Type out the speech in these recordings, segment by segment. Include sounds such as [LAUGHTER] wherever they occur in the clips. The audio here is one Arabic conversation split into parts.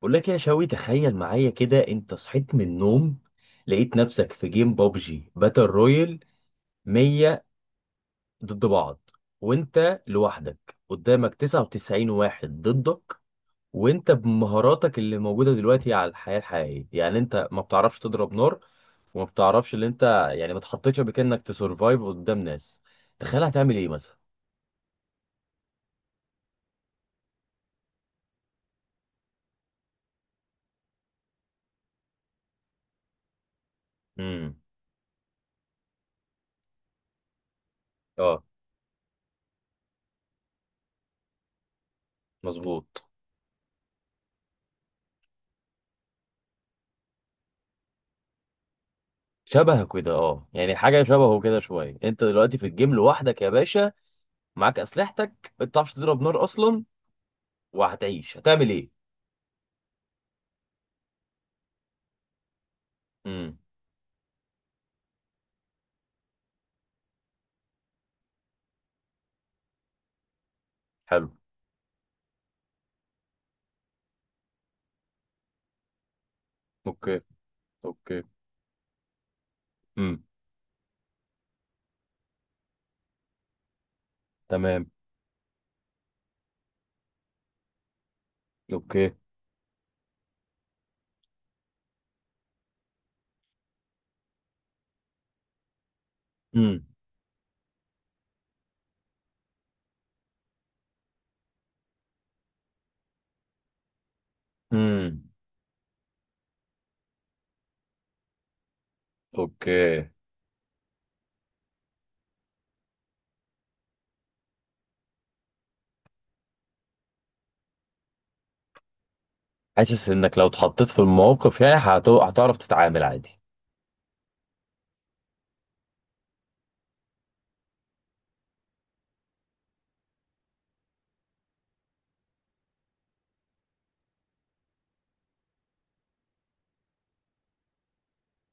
بقول لك يا شوي، تخيل معايا كده انت صحيت من النوم، لقيت نفسك في جيم بابجي باتل رويال. 100 ضد بعض. وانت لوحدك قدامك 99 واحد ضدك. وانت بمهاراتك اللي موجودة دلوقتي على الحياة الحقيقية، يعني انت ما بتعرفش تضرب نار، وما بتعرفش اللي انت، يعني ما اتحطيتش قبل كده انك تسرفايف قدام ناس. تخيل هتعمل ايه مثلا؟ امم. اه، مظبوط. شبهك كده، اه يعني حاجة شبهه كده شوية. انت دلوقتي في الجيم لوحدك يا باشا، معاك اسلحتك، ما بتعرفش تضرب نار اصلا، وهتعيش هتعمل ايه؟ امم. حلو. اوكي. اوكي. امم. تمام. اوكي. امم. امم. اوكي. حاسس انك لو اتحطيت في الموقف، يعني هتعرف تتعامل عادي.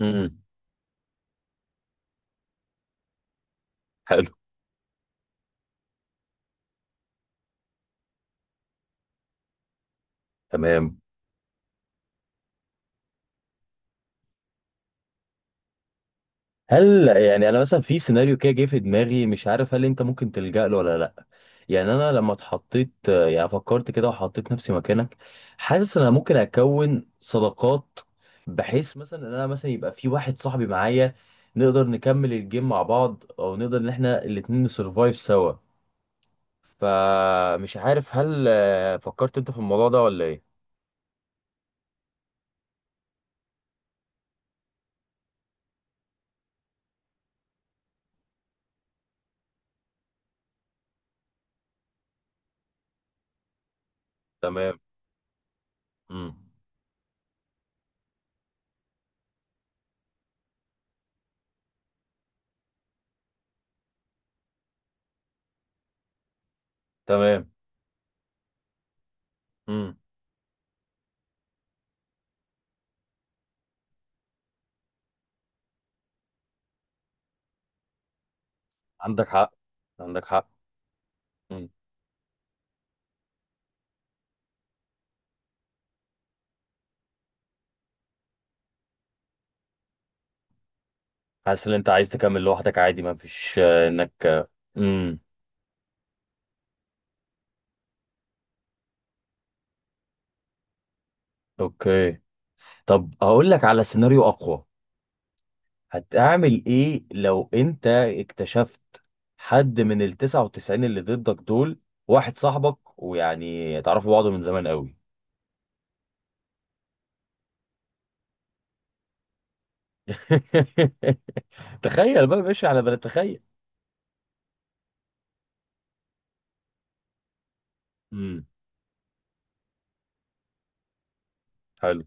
امم. حلو. تمام. هل يعني انا مثلا في سيناريو كده جه في دماغي، مش عارف هل انت ممكن تلجأ له ولا لا. يعني انا لما اتحطيت، يعني فكرت كده وحطيت نفسي مكانك، حاسس ان انا ممكن اكون صداقات، بحيث مثلا ان انا مثلا يبقى في واحد صاحبي معايا، نقدر نكمل الجيم مع بعض او نقدر ان احنا الاتنين نسرفايف سوا. فمش عارف هل فكرت انت في الموضوع ده ولا ايه؟ تمام. امم. تمام. امم. عندك حق. عندك حق. حاسس ان انت عايز تكمل لوحدك عادي، ما فيش انك امم. اوكي. طب هقول لك على سيناريو اقوى. هتعمل ايه لو انت اكتشفت حد من ال 99 اللي ضدك دول واحد صاحبك، ويعني تعرفوا بعض من زمان قوي. [LAUGHS] تخيل بقى ماشي على بلد، تخيل. امم. حلو.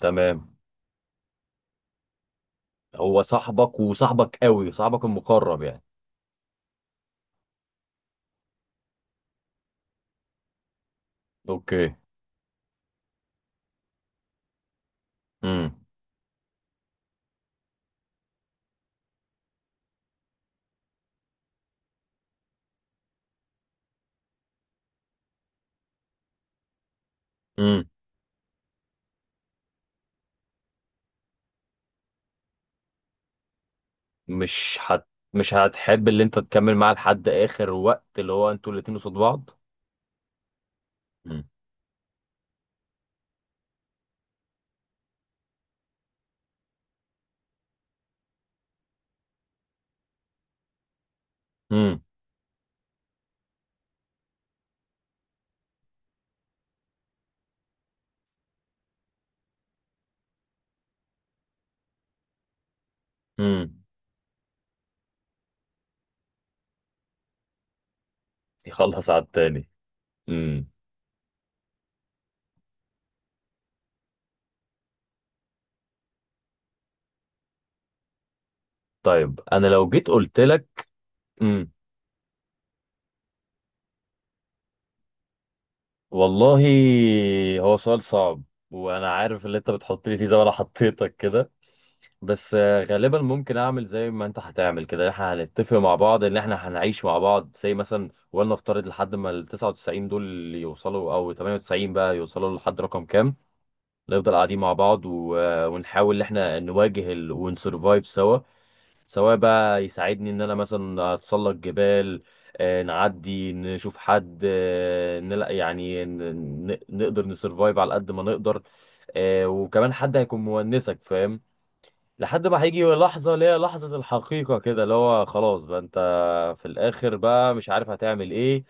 تمام. هو صاحبك وصاحبك قوي، صاحبك المقرب يعني. اوكي. امم. مش هت مش هتحب اللي انت تكمل معاه لحد اخر وقت اللي هو انتوا الاتنين قصاد بعض. مم. مم. مم. يخلص على التاني. مم. طيب انا لو جيت قلت لك. مم. والله، هو سؤال صعب، وانا عارف اللي انت بتحط لي فيه زي ما انا حطيتك كده. بس غالبا ممكن اعمل زي ما انت هتعمل كده. احنا هنتفق مع بعض ان احنا هنعيش مع بعض زي مثلا، ولنفترض لحد ما ال 99 دول يوصلوا او 98 بقى يوصلوا لحد رقم كام، نفضل قاعدين مع بعض ونحاول ان احنا نواجه ونسرفايف سوا، سواء بقى يساعدني ان انا مثلا اتسلق جبال، نعدي نشوف حد، آه، نلا يعني ن... ن- نقدر نسرفايف على قد ما نقدر. وكمان حد هيكون مونسك، فاهم؟ لحد ما هيجي لحظة اللي هي لحظة الحقيقة كده، اللي هو خلاص بقى انت في الآخر بقى مش عارف هتعمل ايه.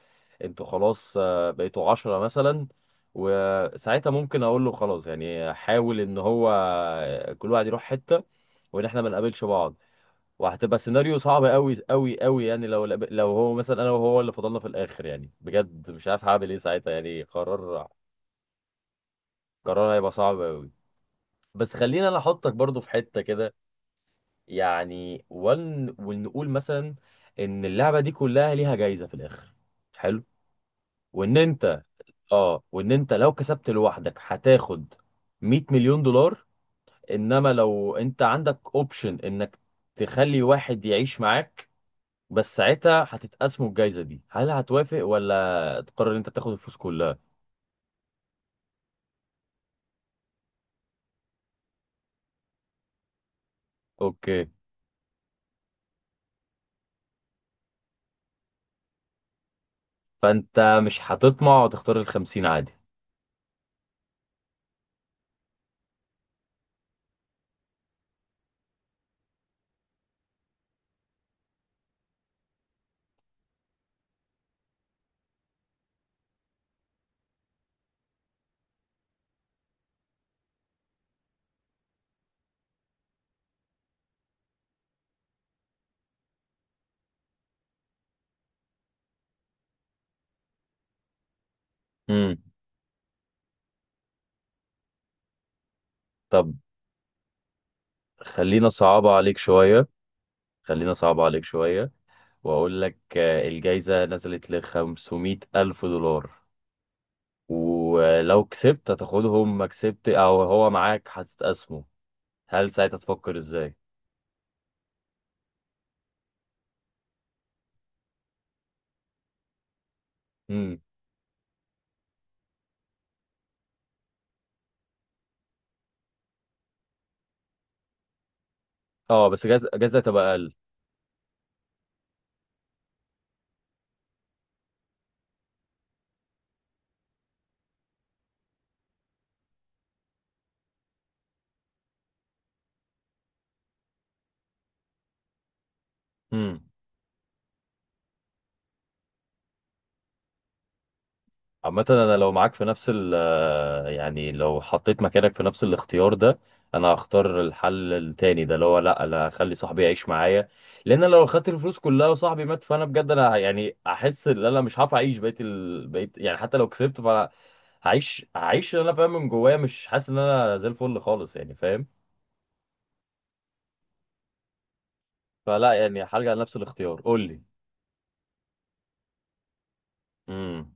انتوا خلاص بقيتوا عشرة مثلا، وساعتها ممكن اقول له خلاص، يعني حاول ان هو كل واحد يروح حتة، وان احنا ما نقابلش بعض. وهتبقى سيناريو صعب قوي قوي قوي. يعني لو هو مثلا انا وهو اللي فضلنا في الآخر، يعني بجد مش عارف هعمل ايه ساعتها. يعني قرار هيبقى صعب قوي. بس خليني انا احطك برضو في حتة كده، يعني ونقول مثلا ان اللعبه دي كلها ليها جايزه في الاخر. حلو. وان انت، اه، وان انت لو كسبت لوحدك هتاخد 100 مليون دولار، انما لو انت عندك اوبشن انك تخلي واحد يعيش معاك بس ساعتها هتتقسموا الجايزه دي، هل هتوافق ولا تقرر ان انت تاخد الفلوس كلها؟ اوكي. فانت مش هتطمع وتختار الخمسين عادي؟ امم. طب خلينا صعبة عليك شوية. خلينا صعبة عليك شوية، واقول لك الجايزة نزلت ل 500 ألف دولار، ولو كسبت هتاخدهم ما كسبت، او هو معاك هتتقسموا، هل ساعتها تفكر ازاي؟ امم. اه، بس جايزة تبقى اقل. امم. عامة أنا لو معاك في نفس ال آه، يعني لو حطيت مكانك في نفس الاختيار ده، أنا هختار الحل التاني ده، اللي هو لأ، أنا هخلي صاحبي يعيش معايا. لأن أنا لو خدت الفلوس كلها وصاحبي مات، فأنا بجد، يعني أحس إن أنا مش هعرف أعيش بقيت يعني حتى لو كسبت فأنا هعيش اللي أنا فاهم من جوايا مش حاسس إن أنا زي الفل خالص، يعني فاهم. فلا يعني هرجع لنفس الاختيار، قول لي. امم.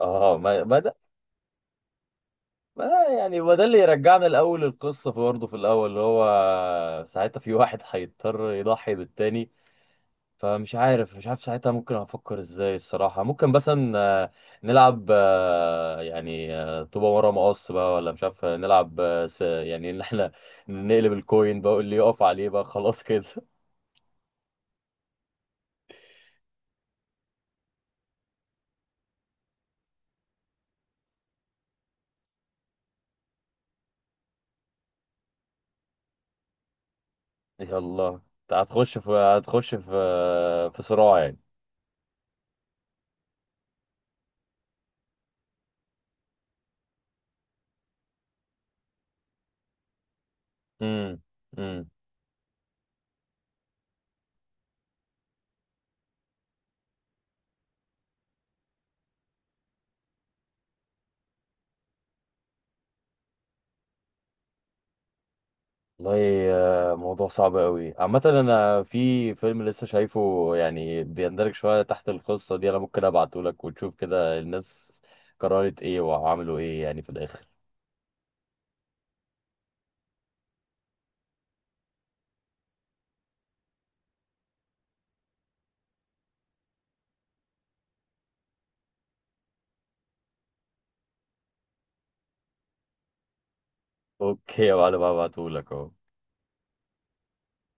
اه، ما ما ده ما يعني هو ده اللي يرجعنا الاول للقصه، في برضه في الاول اللي هو ساعتها في واحد هيضطر يضحي بالتاني. فمش عارف مش عارف ساعتها ممكن افكر ازاي الصراحه. ممكن مثلا نلعب طوبه ورا مقص بقى، ولا مش عارف نلعب ان احنا نقلب الكوين بقى اللي يقف عليه بقى خلاص كده. [LAUGHS] يلا انت هتخش في في صراع يعني. امم. امم. والله موضوع صعب قوي. عامة انا في فيلم لسه شايفه يعني بيندرج شوية تحت القصة دي، انا ممكن ابعته لك وتشوف كده الناس قررت ايه وعملوا ايه يعني في الاخر. [LAUGHS] اوكي يا معلم، هبعته لك اهو.